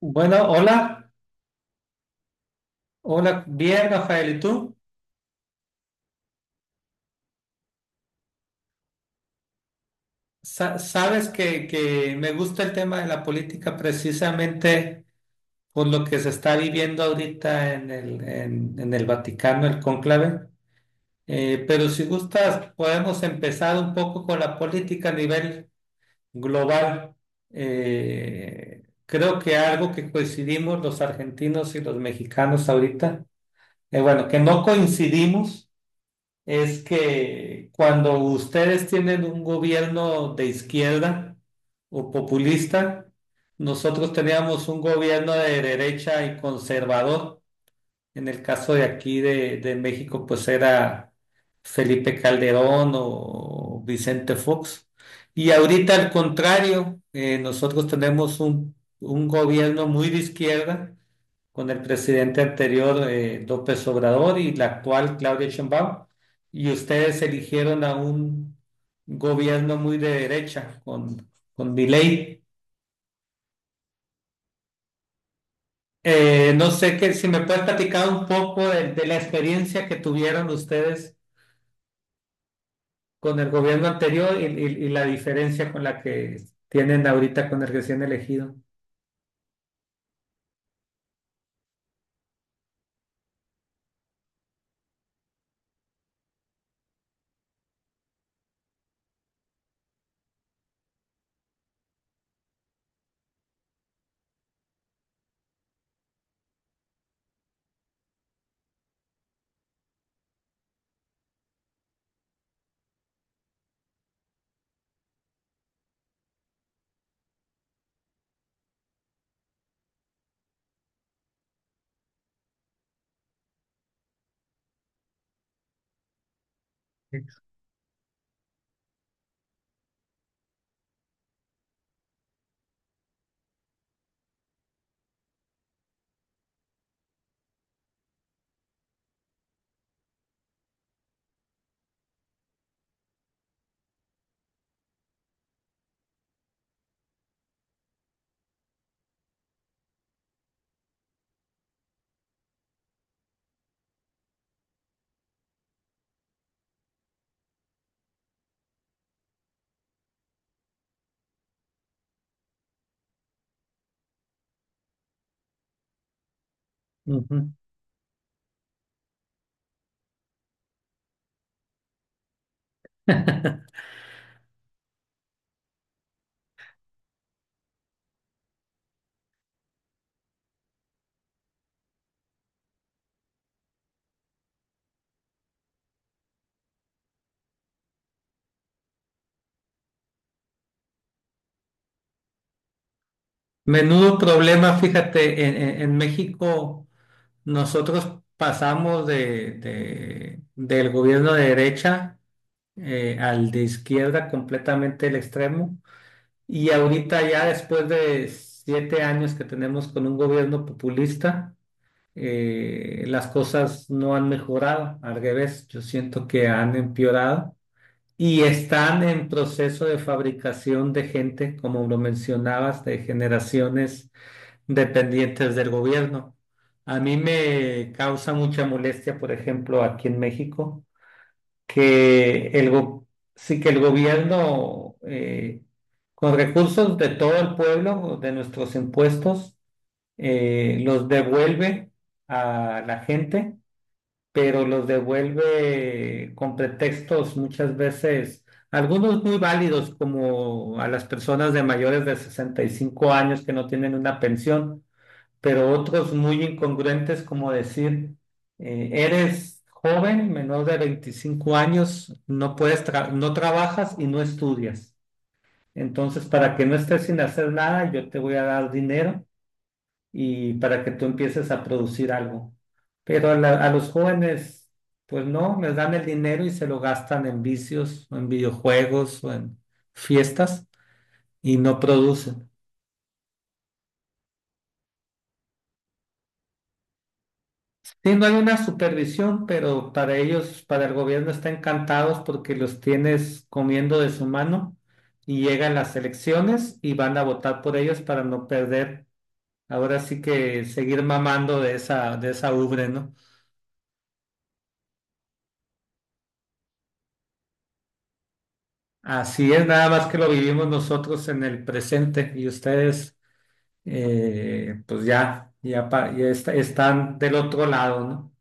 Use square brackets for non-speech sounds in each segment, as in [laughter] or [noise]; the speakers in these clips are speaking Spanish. Bueno, hola, hola, bien, Rafael, ¿y tú? Sabes que me gusta el tema de la política precisamente por lo que se está viviendo ahorita en el Vaticano, el cónclave. Pero si gustas, podemos empezar un poco con la política a nivel global. Creo que algo que coincidimos los argentinos y los mexicanos ahorita, bueno, que no coincidimos es que cuando ustedes tienen un gobierno de izquierda o populista, nosotros teníamos un gobierno de derecha y conservador. En el caso de aquí de México, pues era Felipe Calderón o Vicente Fox. Y ahorita al contrario, nosotros tenemos un gobierno muy de izquierda con el presidente anterior, López Obrador, y la actual, Claudia Sheinbaum, y ustedes eligieron a un gobierno muy de derecha con Milei. No sé que, si me puedes platicar un poco de la experiencia que tuvieron ustedes con el gobierno anterior y, y la diferencia con la que tienen ahorita con el recién elegido. Ujú. [laughs] Menudo problema, fíjate, en México nosotros pasamos de, del gobierno de derecha, al de izquierda, completamente el extremo. Y ahorita ya después de 7 años que tenemos con un gobierno populista, las cosas no han mejorado. Al revés, yo siento que han empeorado. Y están en proceso de fabricación de gente, como lo mencionabas, de generaciones dependientes del gobierno. A mí me causa mucha molestia, por ejemplo, aquí en México, que el, go- sí que el gobierno, con recursos de todo el pueblo, de nuestros impuestos, los devuelve a la gente, pero los devuelve con pretextos muchas veces. Algunos muy válidos, como a las personas de mayores de 65 años que no tienen una pensión, pero otros muy incongruentes como decir, eres joven, menor de 25 años, no trabajas y no estudias. Entonces, para que no estés sin hacer nada, yo te voy a dar dinero y para que tú empieces a producir algo. Pero a los jóvenes, pues no, les dan el dinero y se lo gastan en vicios, o en videojuegos o en fiestas y no producen. Sí, no hay una supervisión, pero para ellos, para el gobierno, está encantados porque los tienes comiendo de su mano y llegan las elecciones y van a votar por ellos para no perder. Ahora sí que seguir mamando de esa ubre, ¿no? Así es, nada más que lo vivimos nosotros en el presente y ustedes, pues ya, ya, están del otro lado, ¿no?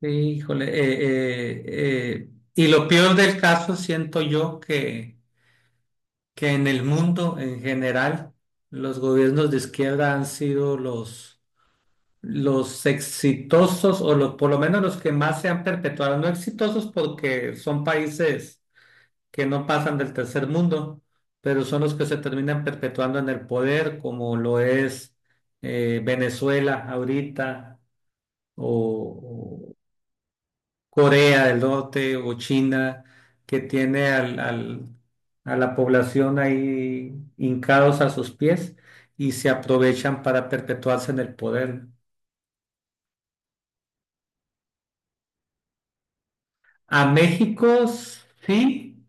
Sí, híjole, y lo peor del caso siento yo que en el mundo en general los gobiernos de izquierda han sido los exitosos o los, por lo menos los que más se han perpetuado, no exitosos porque son países que no pasan del tercer mundo, pero son los que se terminan perpetuando en el poder, como lo es Venezuela ahorita o Corea del Norte o China, que tiene a la población ahí hincados a sus pies y se aprovechan para perpetuarse en el poder. A México sí,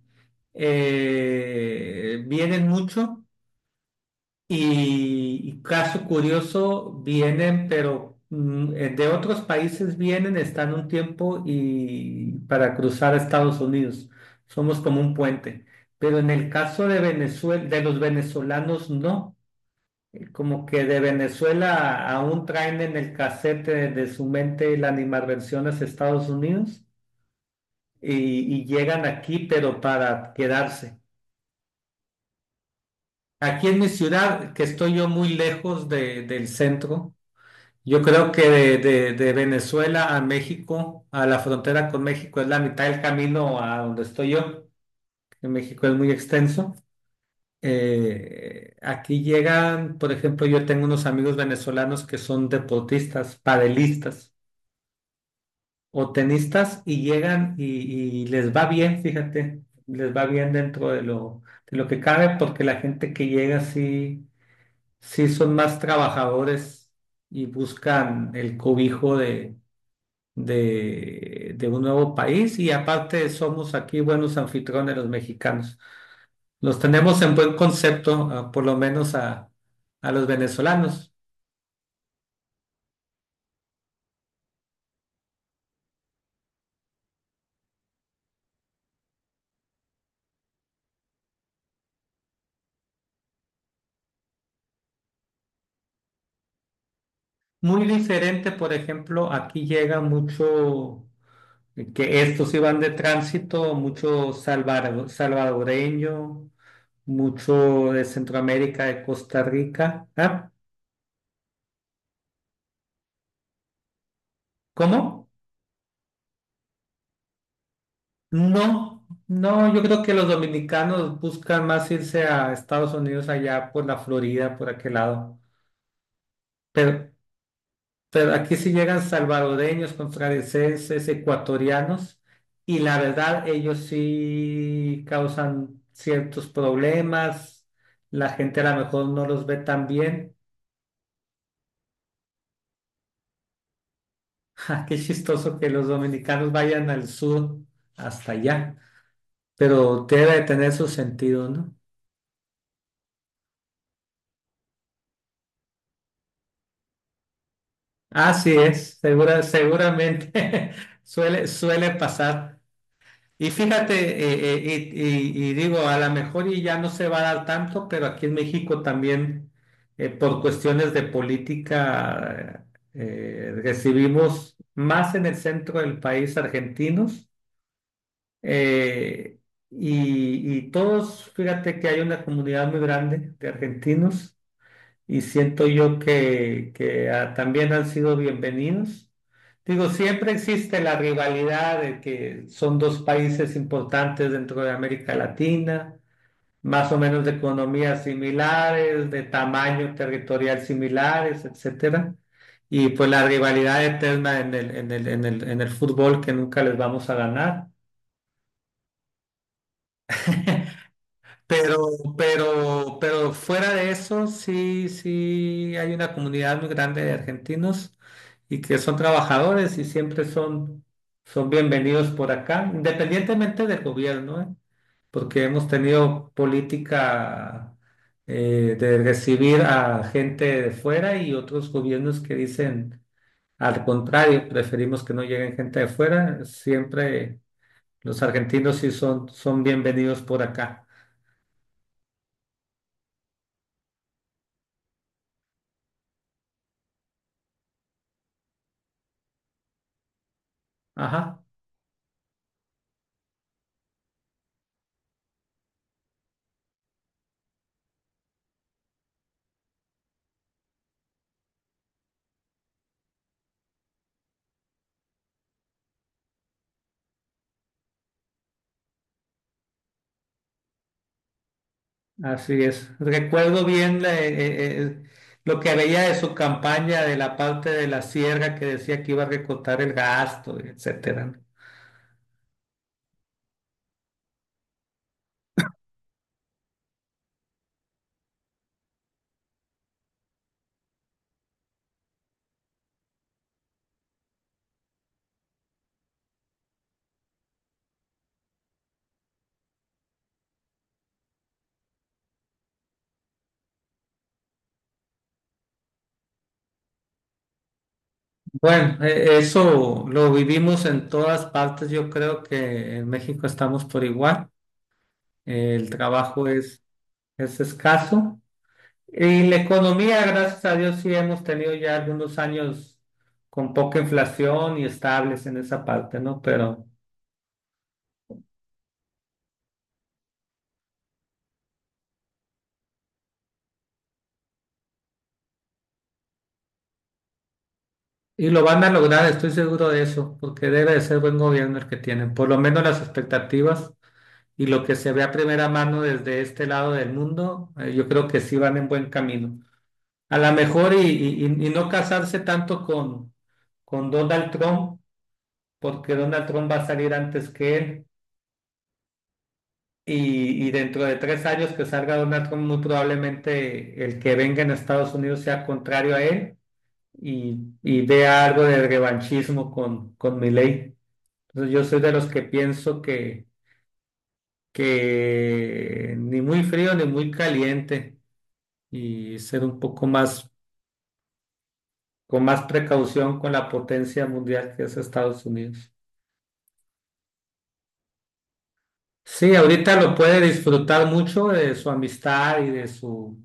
vienen mucho. Y caso curioso, vienen, pero de otros países vienen, están un tiempo y para cruzar a Estados Unidos. Somos como un puente. Pero en el caso de Venezuela, de los venezolanos, no. Como que de Venezuela aún traen en el casete de su mente la animadversión hacia Estados Unidos y llegan aquí, pero para quedarse. Aquí en mi ciudad, que estoy yo muy lejos del centro. Yo creo que de, de Venezuela a México, a la frontera con México, es la mitad del camino a donde estoy yo, que México es muy extenso. Aquí llegan, por ejemplo, yo tengo unos amigos venezolanos que son deportistas, padelistas o tenistas y llegan y les va bien, fíjate, les va bien dentro de lo que cabe porque la gente que llega sí, sí son más trabajadores y buscan el cobijo de un nuevo país y aparte somos aquí buenos anfitriones los mexicanos. Los tenemos en buen concepto, ah, por lo menos a los venezolanos. Muy diferente, por ejemplo, aquí llega mucho, que estos iban de tránsito, mucho salvadoreño, mucho de Centroamérica, de Costa Rica. ¿Ah? ¿Cómo? No, no, yo creo que los dominicanos buscan más irse a Estados Unidos allá por la Florida, por aquel lado. Pero, pero aquí sí llegan salvadoreños, costarricenses, ecuatorianos, y la verdad ellos sí causan ciertos problemas. La gente a lo mejor no los ve tan bien. [laughs] Ja, qué chistoso que los dominicanos vayan al sur hasta allá, pero debe de tener su sentido, ¿no? Así es, segura, seguramente [laughs] suele, suele pasar. Y fíjate, y, y digo, a lo mejor y ya no se va a dar tanto, pero aquí en México también, por cuestiones de política, recibimos más en el centro del país argentinos. eh, y, y todos, fíjate que hay una comunidad muy grande de argentinos y siento yo que ah, también han sido bienvenidos. Digo, siempre existe la rivalidad de que son dos países importantes dentro de América Latina, más o menos de economías similares, de tamaño territorial similares, etcétera. Y pues la rivalidad eterna en el fútbol que nunca les vamos a ganar. Pero, pero fuera de eso, sí, sí, hay una comunidad muy grande de argentinos y que son trabajadores y siempre son, son bienvenidos por acá, independientemente del gobierno, ¿eh? Porque hemos tenido política de recibir a gente de fuera y otros gobiernos que dicen al contrario, preferimos que no lleguen gente de fuera. Siempre los argentinos sí son, son bienvenidos por acá. Ajá. Así es. Recuerdo bien lo que veía de su campaña de la parte de la sierra que decía que iba a recortar el gasto, etcétera, ¿no? Bueno, eso lo vivimos en todas partes. Yo creo que en México estamos por igual. El trabajo es escaso. Y la economía, gracias a Dios, sí hemos tenido ya algunos años con poca inflación y estables en esa parte, ¿no? Pero y lo van a lograr, estoy seguro de eso, porque debe de ser buen gobierno el que tienen, por lo menos las expectativas y lo que se ve a primera mano desde este lado del mundo, yo creo que sí van en buen camino. A lo mejor y, y no casarse tanto con Donald Trump, porque Donald Trump va a salir antes que él y dentro de 3 años que salga Donald Trump, muy probablemente el que venga en Estados Unidos sea contrario a él y vea algo de revanchismo con Milei. Entonces yo soy de los que pienso que ni muy frío ni muy caliente y ser un poco más, con más precaución con la potencia mundial que es Estados Unidos. Sí, ahorita lo puede disfrutar mucho de su amistad y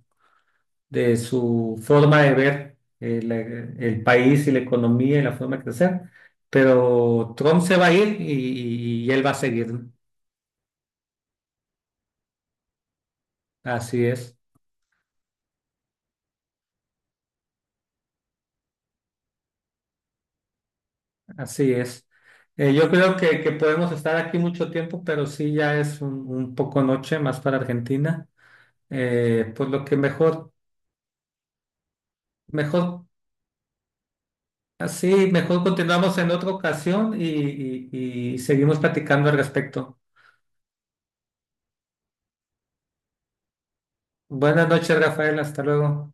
de su forma de ver el país y la economía y la forma de crecer, pero Trump se va a ir y, y él va a seguir, ¿no? Así es. Así es. Yo creo que podemos estar aquí mucho tiempo, pero sí ya es un poco noche más para Argentina. Pues lo que mejor, mejor, así, mejor continuamos en otra ocasión y, y seguimos platicando al respecto. Buenas noches, Rafael. Hasta luego.